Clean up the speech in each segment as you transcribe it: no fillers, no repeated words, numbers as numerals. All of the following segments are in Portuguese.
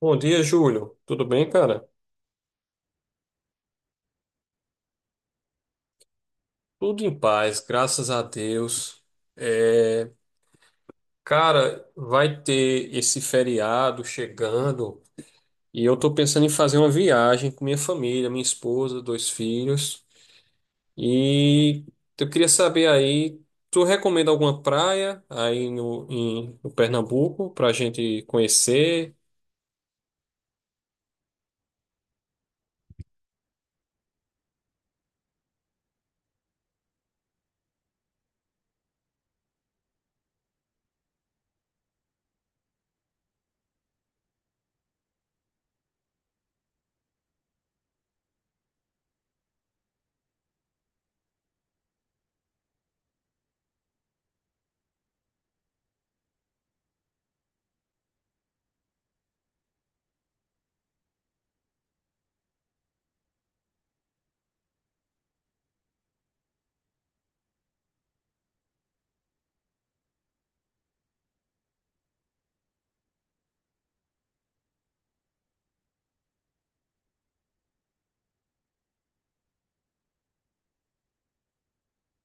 Bom dia, Júlio. Tudo bem, cara? Tudo em paz, graças a Deus. É, Cara, vai ter esse feriado chegando e eu tô pensando em fazer uma viagem com minha família, minha esposa, dois filhos. E eu queria saber aí, tu recomenda alguma praia aí no Pernambuco pra gente conhecer?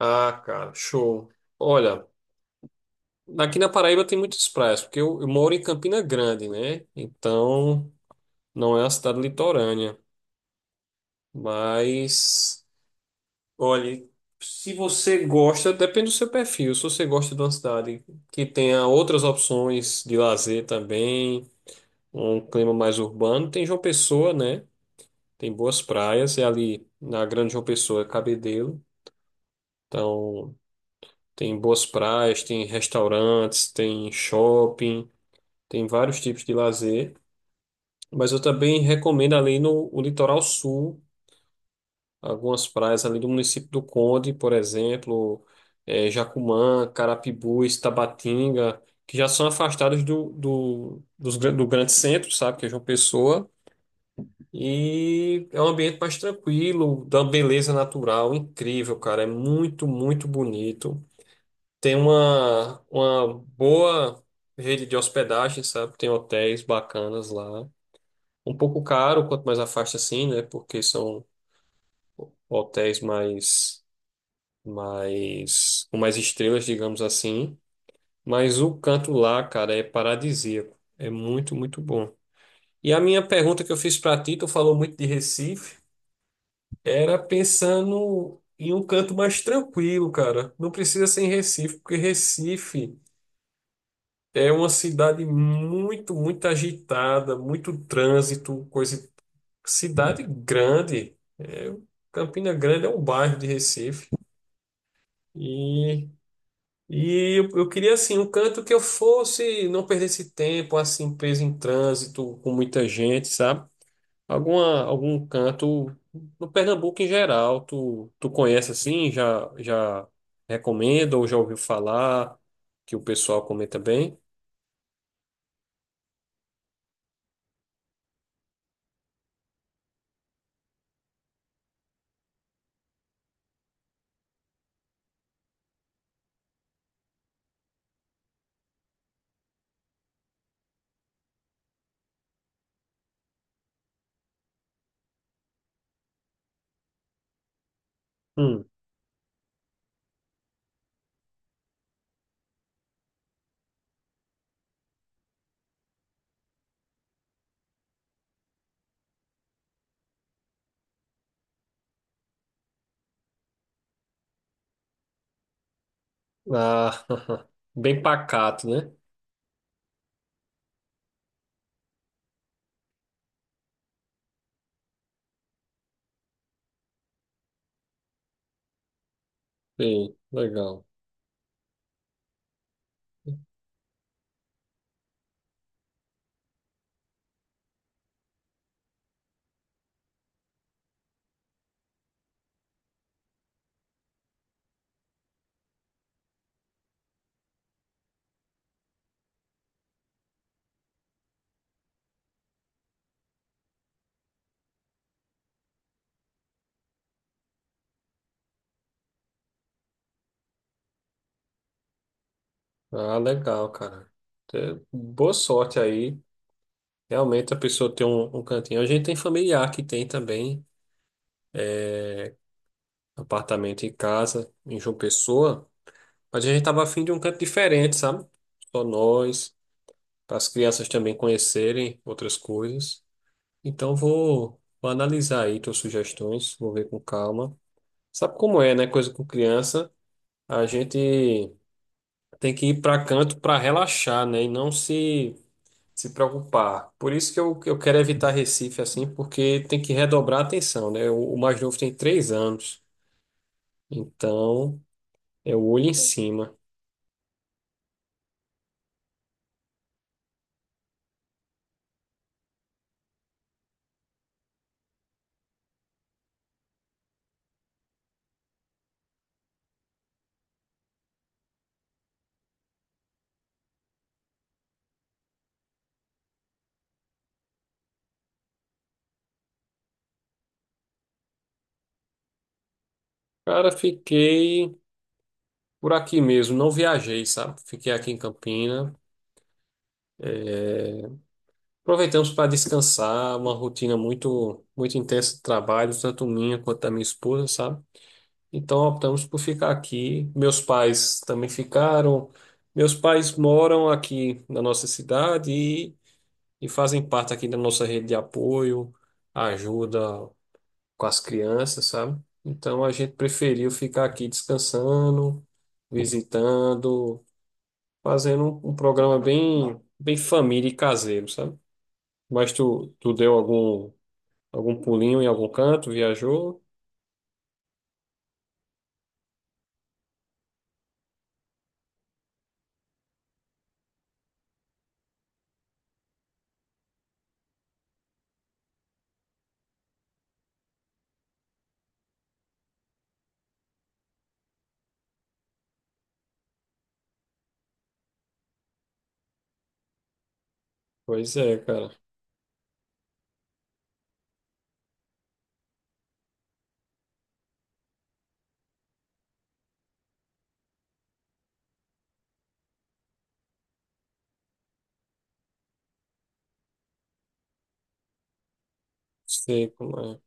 Ah, cara, show. Olha, aqui na Paraíba tem muitas praias, porque eu moro em Campina Grande, né? Então, não é uma cidade litorânea, mas olhe, se você gosta, depende do seu perfil. Se você gosta de uma cidade que tenha outras opções de lazer também, um clima mais urbano, tem João Pessoa, né? Tem boas praias, e ali na Grande João Pessoa é Cabedelo. Então, tem boas praias, tem restaurantes, tem shopping, tem vários tipos de lazer. Mas eu também recomendo ali no o litoral sul. Algumas praias ali do município do Conde, por exemplo, Jacumã, Carapibus, Tabatinga, que já são afastados do do grande centro, sabe, que é João Pessoa, e é um ambiente mais tranquilo, dá uma beleza natural incrível, cara, é muito, muito bonito. Tem uma boa rede de hospedagem, sabe, tem hotéis bacanas lá. Um pouco caro, quanto mais afasta assim, né? Porque são hotéis mais com mais estrelas, digamos assim. Mas o canto lá, cara, é paradisíaco. É muito, muito bom. E a minha pergunta que eu fiz para ti, tu falou muito de Recife, era pensando em um canto mais tranquilo, cara. Não precisa ser em Recife, porque Recife é uma cidade muito, muito agitada, muito trânsito, coisa. Cidade grande. É, Campina Grande é um bairro de Recife. e E eu queria assim um canto que eu fosse, não perdesse tempo, assim, preso em trânsito, com muita gente, sabe? Algum canto no Pernambuco em geral, tu conhece assim, já recomenda ou já ouviu falar que o pessoal comenta bem? Hum. Ah, bem pacato, né? Sim, legal. Ah, legal, cara. Boa sorte aí. Realmente a pessoa tem um cantinho. A gente tem familiar que tem também apartamento em casa, em João Pessoa, mas a gente estava afim de um canto diferente, sabe? Só nós, para as crianças também conhecerem outras coisas. Então vou analisar aí tuas sugestões, vou ver com calma. Sabe como é, né? Coisa com criança, a gente tem que ir para canto para relaxar, né? E não se preocupar. Por isso que eu quero evitar Recife assim, porque tem que redobrar a atenção, né? O mais novo tem 3 anos, então é o olho em cima. Cara, fiquei por aqui mesmo, não viajei, sabe? Fiquei aqui em Campina. Aproveitamos para descansar, uma rotina muito, muito intensa de trabalho, tanto minha quanto da minha esposa, sabe? Então optamos por ficar aqui. Meus pais também ficaram. Meus pais moram aqui na nossa cidade e fazem parte aqui da nossa rede de apoio, ajuda com as crianças, sabe? Então a gente preferiu ficar aqui descansando, visitando, fazendo um programa bem, bem família e caseiro, sabe? Mas tu deu algum pulinho em algum canto, viajou? Pois é, cara. Sei como é.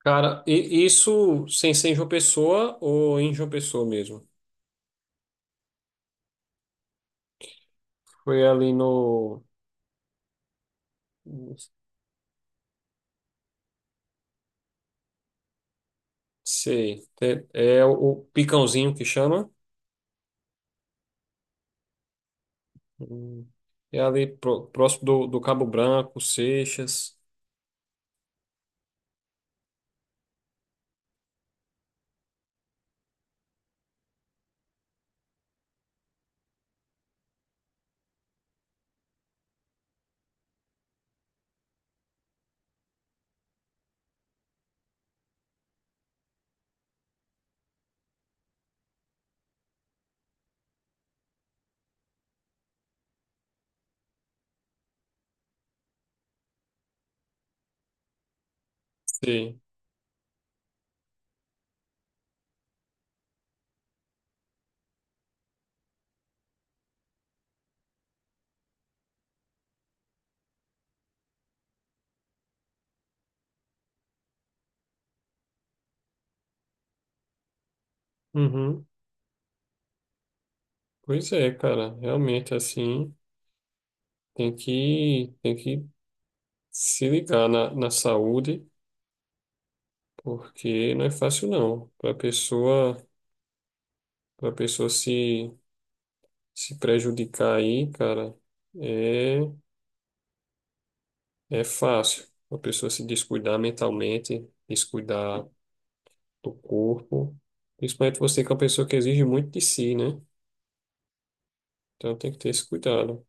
Cara, e isso sem ser em João Pessoa ou em João Pessoa mesmo? Foi ali no. Sei. É o Picãozinho que chama. Hum. É ali próximo do Cabo Branco, Seixas. Sei. Uhum. Pois é, cara. Realmente, assim, tem que, se ligar na saúde, porque não é fácil não. Para pessoa se prejudicar aí, cara, é é fácil. A pessoa se descuidar mentalmente, descuidar do corpo, principalmente você que é uma pessoa que exige muito de si, né? Então tem que ter esse cuidado.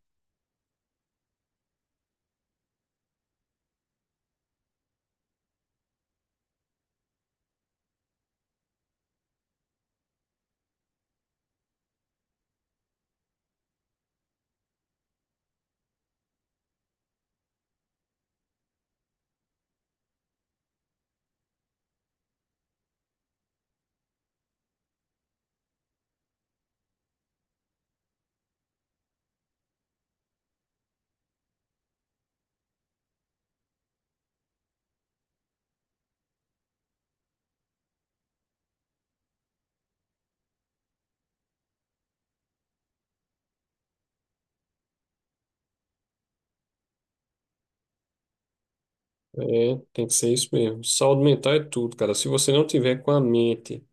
É, tem que ser isso mesmo. Saúde mental é tudo, cara. Se você não tiver com a mente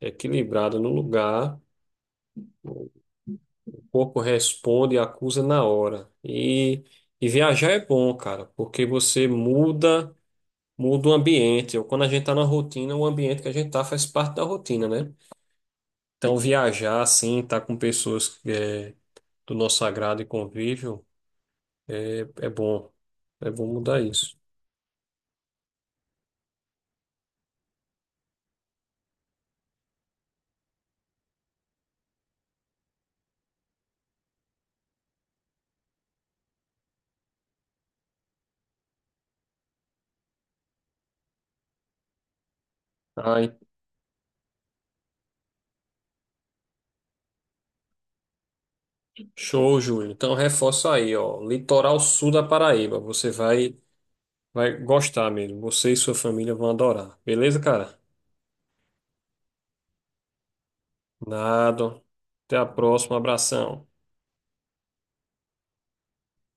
equilibrada no lugar, corpo responde e acusa na hora. E viajar é bom, cara, porque você muda, muda o ambiente. Ou quando a gente tá na rotina, o ambiente que a gente tá faz parte da rotina, né? Então viajar, assim, tá com pessoas do nosso agrado e convívio, é bom. É bom mudar isso. Ai, show, Júlio. Então reforça aí, ó. Litoral sul da Paraíba. Vai gostar mesmo. Você e sua família vão adorar. Beleza, cara? Nada. Até a próxima. Abração.